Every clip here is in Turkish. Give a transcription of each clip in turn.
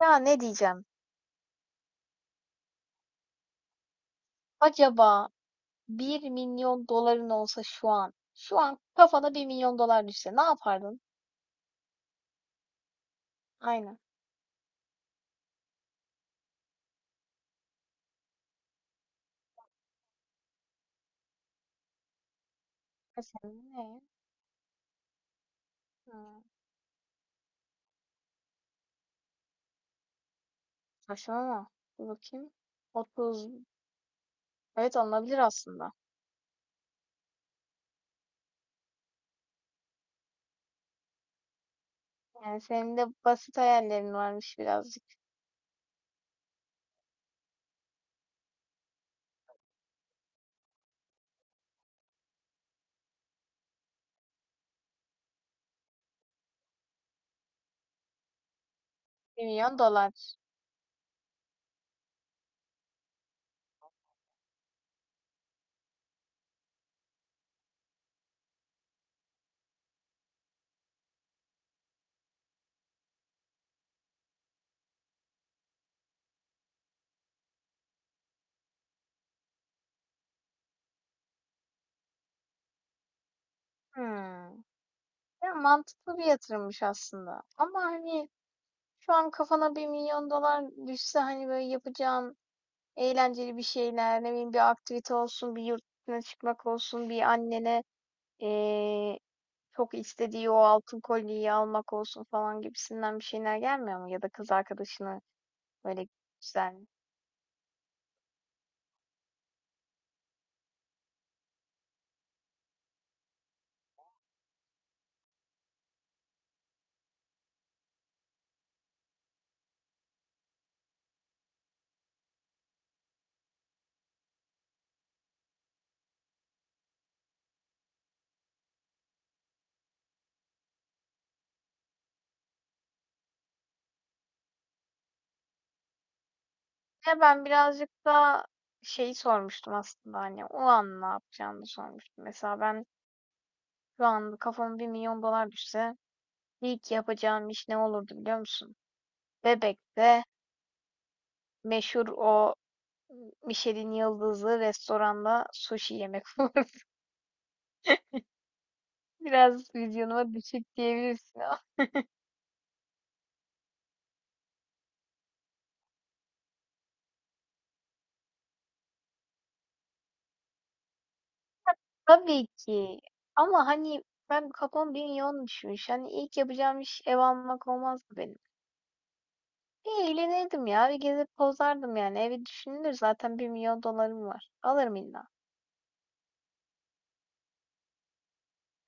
Ya ne diyeceğim? Acaba 1 milyon doların olsa şu an kafana 1 milyon dolar düşse ne yapardın? Aynen. E senin ne? Hmm, saçmalama. Dur bakayım. 30. Evet alınabilir aslında. Yani senin de basit hayallerin varmış birazcık. 1 milyon dolar. Hmm. Ya mantıklı bir yatırımmış aslında. Ama hani şu an kafana 1 milyon dolar düşse hani böyle yapacağın eğlenceli bir şeyler, ne bileyim, bir aktivite olsun, bir yurt dışına çıkmak olsun, bir annene eee, çok istediği o altın kolyeyi almak olsun falan gibisinden bir şeyler gelmiyor mu? Ya da kız arkadaşını böyle güzel. Ya ben birazcık da şeyi sormuştum aslında, hani o an ne yapacağımı sormuştum. Mesela ben şu an kafama 1 milyon dolar düşse ilk yapacağım iş ne olurdu biliyor musun? Bebek'te meşhur o Michelin yıldızlı restoranda sushi yemek olurdu. Biraz vizyonuma düşük diyebilirsin tabii ki. Ama hani ben kafam 1 milyon düşmüş. Hani ilk yapacağım iş ev almak olmazdı benim. Bir eğlenirdim ya. Bir gezip pozardım yani. Evi düşünülür zaten, 1 milyon dolarım var. Alırım illa.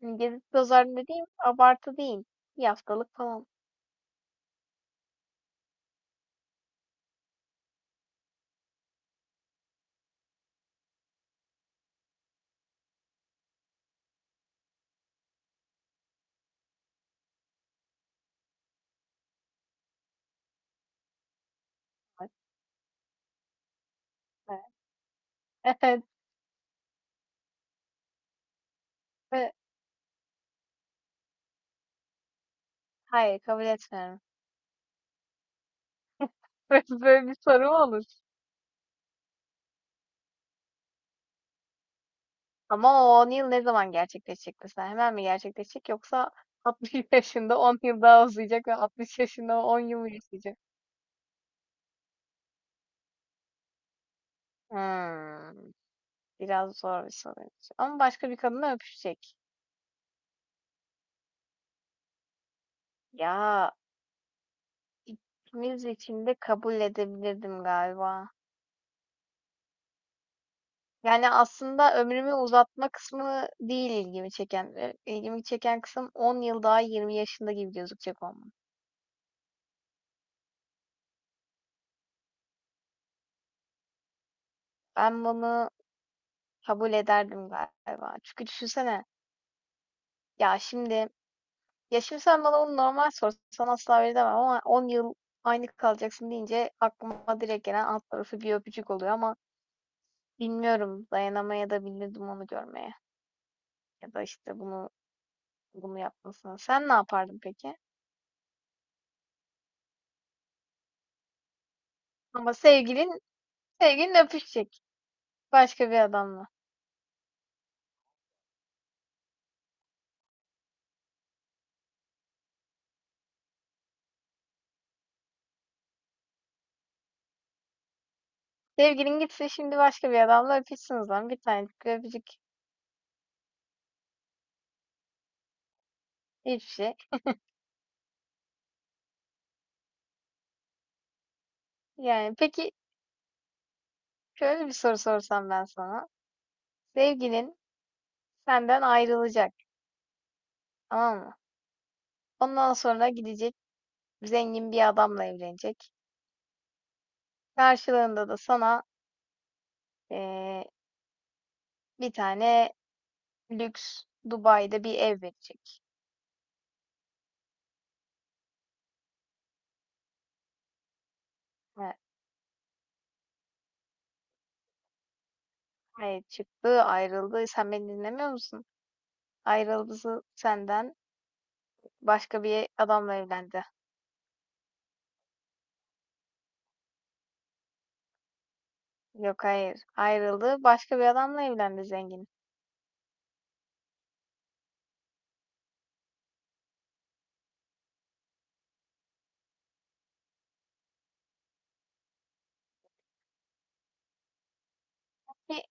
Hani gezip pozardım dediğim abartı değil. Bir haftalık falan. Evet. Evet. Hayır, kabul etmiyorum. Böyle bir soru mu olur? Ama o 10 yıl ne zaman gerçekleşecek mesela? Hemen mi gerçekleşecek yoksa 60 yaşında 10 yıl daha uzayacak ve 60 yaşında 10 yıl mı yaşayacak? Hmm, biraz zor bir soruymuş. Ama başka bir kadınla öpüşecek. Ya ikimiz için de kabul edebilirdim galiba. Yani aslında ömrümü uzatma kısmı değil ilgimi çeken. İlgimi çeken kısım 10 yıl daha 20 yaşında gibi gözükecek olmam. Ben bunu kabul ederdim galiba. Çünkü düşünsene, ya şimdi Ya şimdi sen bana onu normal sorsan asla veremem ama 10 yıl aynı kalacaksın deyince aklıma direkt gelen alt tarafı bir öpücük oluyor. Ama bilmiyorum, dayanamaya da bilirdim onu görmeye ya da işte bunu yapmasına. Sen ne yapardın peki? Ama sevgilin öpüşecek başka bir adamla. Sevgilin gitse şimdi başka bir adamla öpüşsün o zaman, bir tane öpücük, hiçbir şey. Yani peki şöyle bir soru sorsam ben sana. Sevgilin senden ayrılacak, tamam mı? Ondan sonra gidecek, zengin bir adamla evlenecek. Karşılığında da sana eee, bir tane lüks Dubai'de bir ev verecek. Evet, evet, çıktı, ayrıldı. Sen beni dinlemiyor musun? Ayrıldı senden, başka bir adamla evlendi. Yok, hayır. Ayrıldı, başka bir adamla evlendi, zengin. Pe-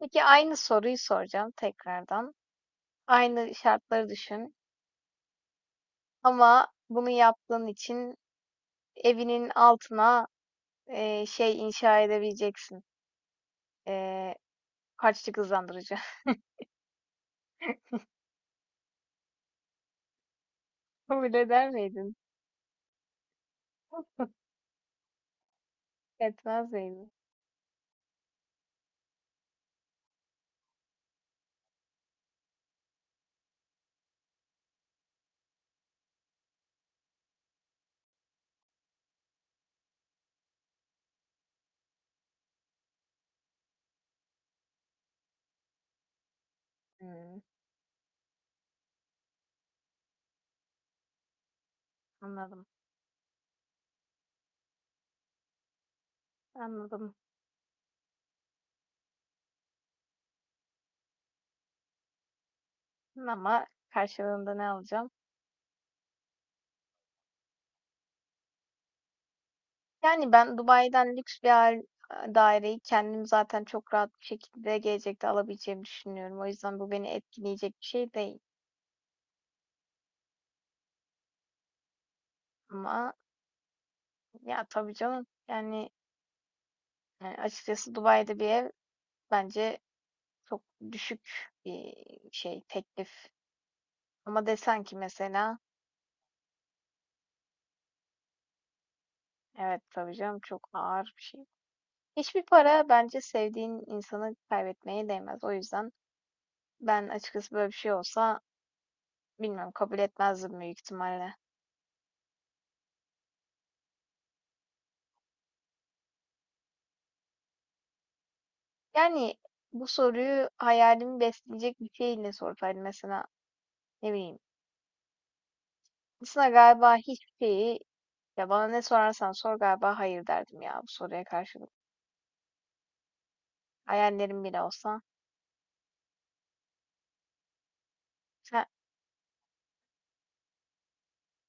Peki, aynı soruyu soracağım tekrardan. Aynı şartları düşün. Ama bunu yaptığın için evinin altına şey inşa edebileceksin. Eee Kaçlık hızlandırıcı. Kabul eder miydin? Etmez miydin? Hımm, anladım, anladım. Ama karşılığında ne alacağım? Yani ben Dubai'den lüks bir daireyi kendim zaten çok rahat bir şekilde gelecekte alabileceğimi düşünüyorum. O yüzden bu beni etkileyecek bir şey değil. Ama ya, tabii canım, yani, açıkçası Dubai'de bir ev bence çok düşük bir şey, teklif. Ama desen ki mesela, evet, tabii canım, çok ağır bir şey. Hiçbir para bence sevdiğin insanı kaybetmeye değmez. O yüzden ben açıkçası böyle bir şey olsa bilmiyorum, kabul etmezdim büyük ihtimalle. Yani bu soruyu hayalimi besleyecek bir şeyle sorsaydım mesela, ne bileyim. Aslında galiba hiçbir şeyi, ya bana ne sorarsan sor galiba hayır derdim ya bu soruya karşılık. Hayallerim bile olsa. Ha,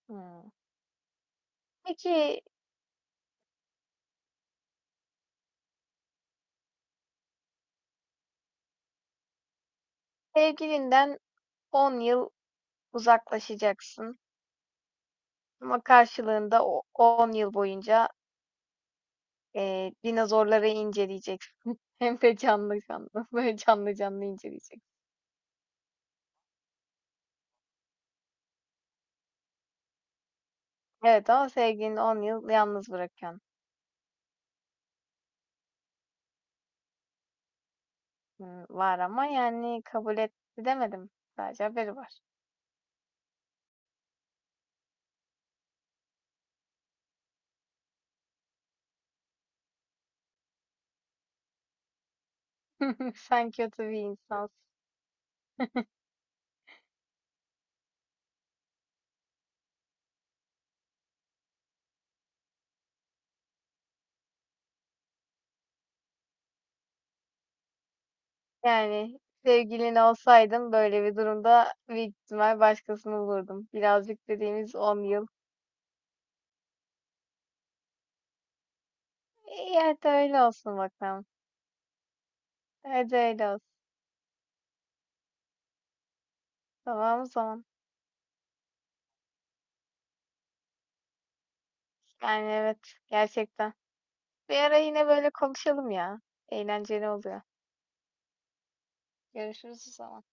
hmm. Peki sevgilinden 10 yıl uzaklaşacaksın ama karşılığında o 10 yıl boyunca dinozorları inceleyeceksin. Hem de canlı canlı. Böyle canlı canlı inceleyeceksin. Evet, ama sevgilini 10 yıl yalnız bırakıyorsun. Hmm, var ama yani kabul etti demedim. Sadece haberi var. Sen kötü bir insansın. Yani sevgilin olsaydım böyle bir durumda büyük ihtimal başkasını bulurdum. Birazcık dediğimiz 10 yıl. İyi, hadi öyle olsun bakalım. Hadi öyle olsun. Tamam, o zaman. Yani evet, gerçekten. Bir ara yine böyle konuşalım ya. Eğlenceli oluyor. Görüşürüz o zaman.